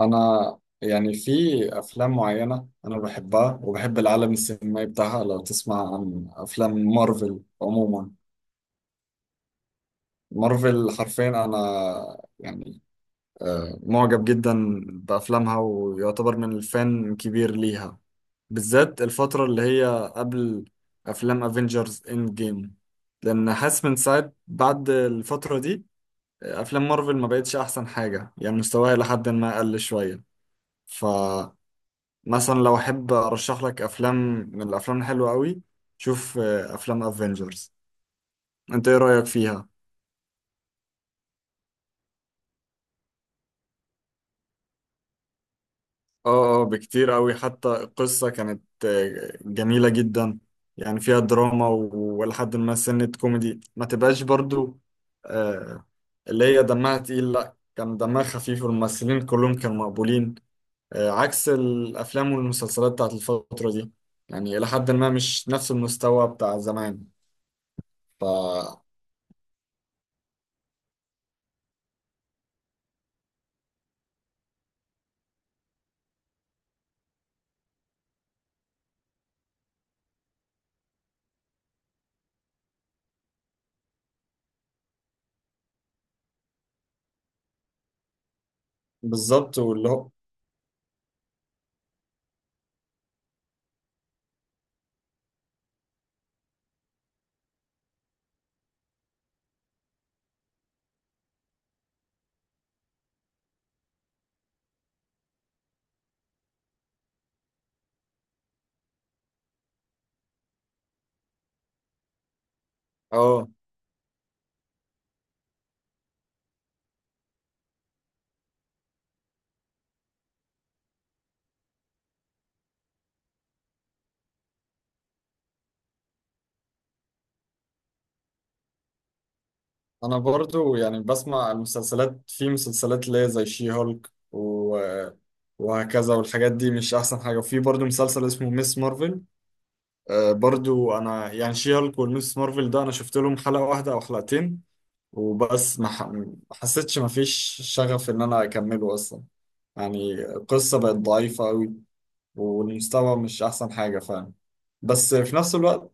انا يعني في افلام معينه انا بحبها وبحب العالم السينمائي بتاعها. لو تسمع عن افلام مارفل عموما، مارفل حرفيا انا يعني معجب جدا بافلامها، ويعتبر من الفان كبير ليها، بالذات الفتره اللي هي قبل افلام افنجرز اند جيم، لان حاسس من ساعه بعد الفتره دي افلام مارفل ما بقتش احسن حاجه، يعني مستواها لحد ما قل شويه. ف مثلا لو احب ارشح لك افلام من الافلام الحلوه قوي، شوف افلام افنجرز، انت ايه رايك فيها؟ اه اه بكتير قوي، حتى القصه كانت جميله جدا، يعني فيها دراما ولحد ما سنه كوميدي ما تبقاش برضو، آه، اللي هي دمها تقيل، لا كان دمها خفيف والممثلين كلهم كانوا مقبولين، عكس الافلام والمسلسلات بتاعت الفتره دي، يعني الى حد ما مش نفس المستوى بتاع زمان. ف بالظبط واللي هو. اه انا برضو يعني بسمع المسلسلات، في مسلسلات اللي هي زي شي هولك وهكذا، والحاجات دي مش احسن حاجه، وفي برضو مسلسل اسمه ميس مارفل. آه برضو انا يعني شي هولك والميس مارفل ده انا شفت لهم حلقه واحده او حلقتين وبس، ما حسيتش ما فيش شغف ان انا اكمله اصلا، يعني القصه بقت ضعيفه قوي والمستوى مش احسن حاجه فعلا. بس في نفس الوقت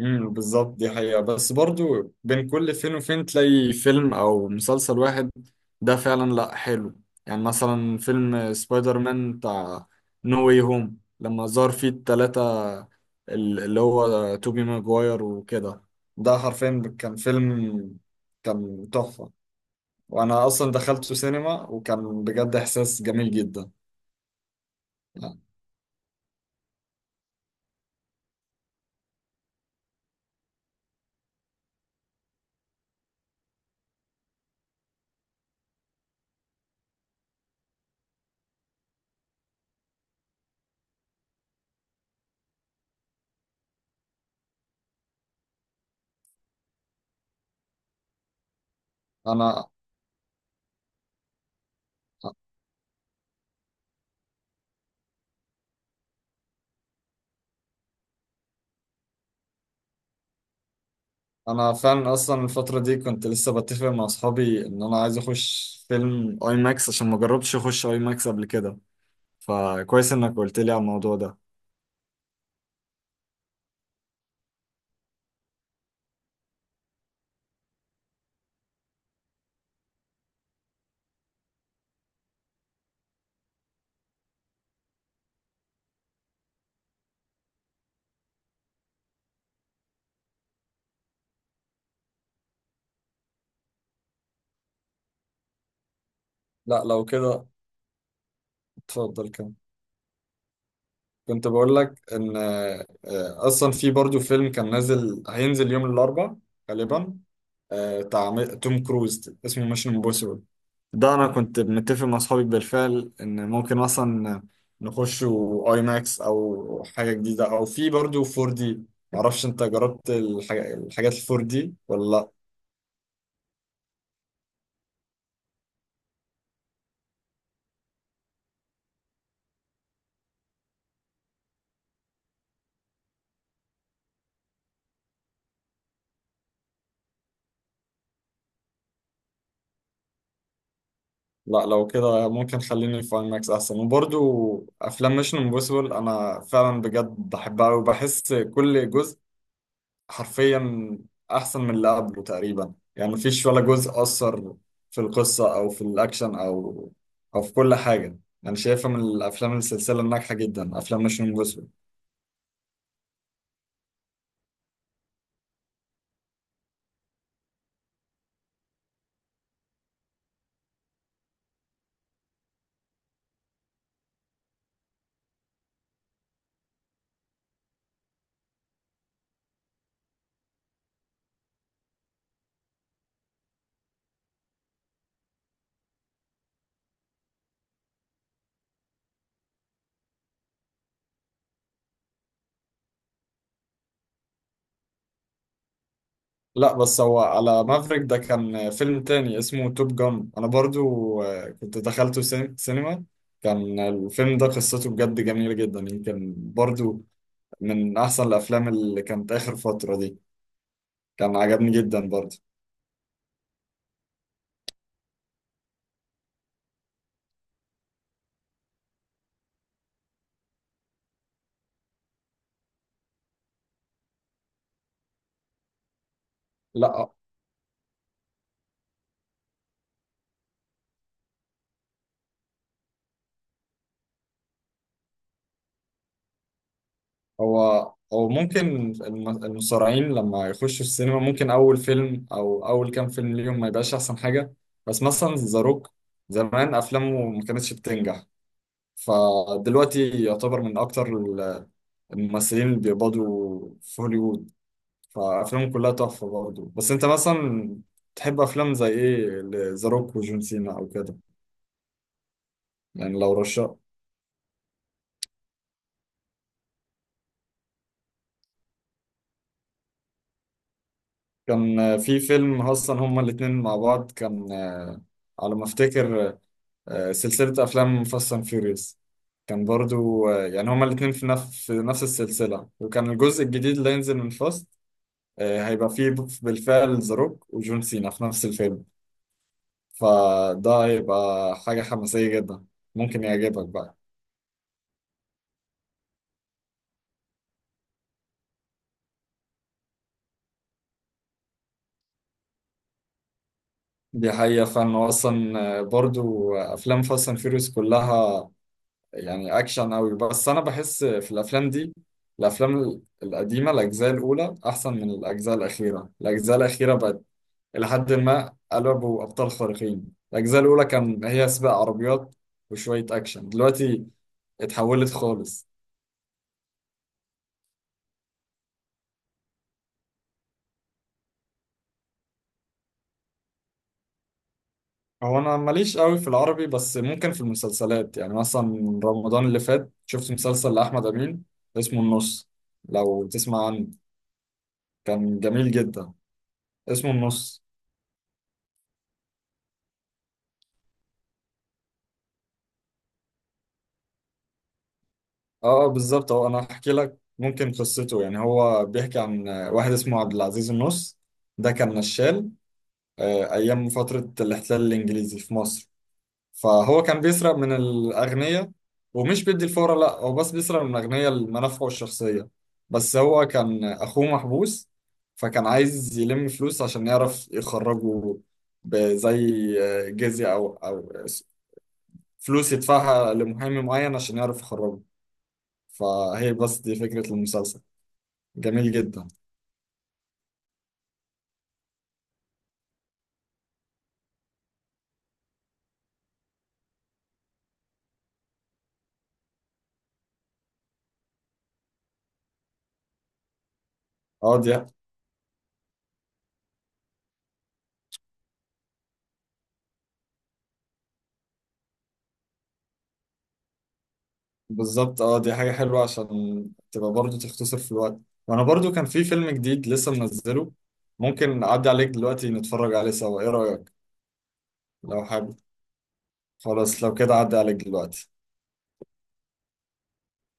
بالظبط، دي حقيقة. بس برضو بين كل فين وفين تلاقي فيلم أو مسلسل واحد ده فعلا لأ حلو. يعني مثلا فيلم سبايدر مان بتاع نو واي هوم لما ظهر فيه التلاتة، اللي هو توبي ماجواير وكده، ده حرفيا كان فيلم، كان تحفة، وأنا أصلا دخلته سينما وكان بجد إحساس جميل جدا. يعني أنا فعلا اصلا الفتره دي كنت لسه بتفق مع اصحابي ان انا عايز اخش فيلم اي ماكس عشان ما جربتش اخش اي ماكس قبل كده، فكويس انك قلت لي على الموضوع ده. لا لو كده اتفضل كمل. كنت بقول لك ان اصلا في برضو فيلم كان نازل، هينزل يوم الاربعاء غالبا، بتاع توم كروز اسمه ميشن امبوسيبل. ده انا كنت متفق مع اصحابي بالفعل ان ممكن مثلا نخش اي ماكس او حاجه جديده، او في برضو 4D دي. معرفش انت جربت الحاجات ال 4D دي ولا لا. لا لو كده ممكن خليني في اي ماكس احسن. وبرضو افلام ميشن امبوسيبل انا فعلا بجد بحبها، وبحس كل جزء حرفيا احسن من اللي قبله تقريبا، يعني مفيش ولا جزء اثر في القصه او في الاكشن او او في كل حاجه. انا شايفها من الافلام السلسله الناجحه جدا، افلام مش جوسوي. لا بس هو على مافريك ده كان فيلم تاني اسمه توب جان، انا برضو كنت دخلته سينما. كان الفيلم ده قصته بجد جميله جدا، يمكن برضو من احسن الافلام اللي كانت اخر فتره دي، كان عجبني جدا برضو. لا هو ممكن المصارعين لما يخشوا السينما ممكن أول فيلم أو أول كام فيلم ليهم ما يبقاش أحسن حاجة. بس مثلا ذا روك زمان أفلامه ما كانتش بتنجح، فدلوقتي يعتبر من أكتر الممثلين اللي بيقبضوا في هوليوود، فأفلامه كلها تحفة برضه. بس أنت مثلا تحب أفلام زي إيه؟ ذا روك وجون سينا أو كده؟ يعني لو رشا كان في فيلم أصلا هما الاتنين مع بعض، كان على ما أفتكر سلسلة أفلام فاست أند فيوريوس. كان برضو يعني هما الاتنين في نفس السلسلة، وكان الجزء الجديد اللي هينزل من فاست هيبقى فيه بالفعل ذا روك وجون سينا في نفس الفيلم، فده هيبقى حاجة حماسية جدا، ممكن يعجبك بقى. دي حقيقة. فأنا أصلا آه، برضو آه، أفلام فاست أند فيوريوس كلها يعني أكشن أوي، بس أنا بحس في الأفلام دي الأفلام القديمة الأجزاء الأولى أحسن من الأجزاء الأخيرة، الأجزاء الأخيرة بقت إلى حد ما قلبوا أبطال خارقين، الأجزاء الأولى كان هي سباق عربيات وشوية أكشن، دلوقتي اتحولت خالص. هو أنا ماليش قوي في العربي، بس ممكن في المسلسلات، يعني مثلا رمضان اللي فات شفت مسلسل لأحمد أمين اسمه النص، لو تسمع عنه. كان جميل جدا، اسمه النص. اه بالظبط، هو أنا هحكي لك ممكن قصته. يعني هو بيحكي عن واحد اسمه عبد العزيز النص، ده كان نشال أيام فترة الاحتلال الإنجليزي في مصر، فهو كان بيسرق من الأغنياء، ومش بيدي الفورة، لا هو بس بيسرق من الأغنياء لمنافعه الشخصية. بس هو كان أخوه محبوس، فكان عايز يلم فلوس عشان يعرف يخرجه، بزي جزية أو فلوس يدفعها لمحامي معين عشان يعرف يخرجه. فهي بس دي فكرة المسلسل. جميل جدا. اه دي بالظبط. اه دي حاجة حلوة عشان تبقى برضو تختصر في الوقت. وانا برضو كان في فيلم جديد لسه منزله، ممكن اعدي عليك دلوقتي نتفرج عليه سوا، ايه رأيك؟ لو حابب. خلاص لو كده اعدي عليك دلوقتي.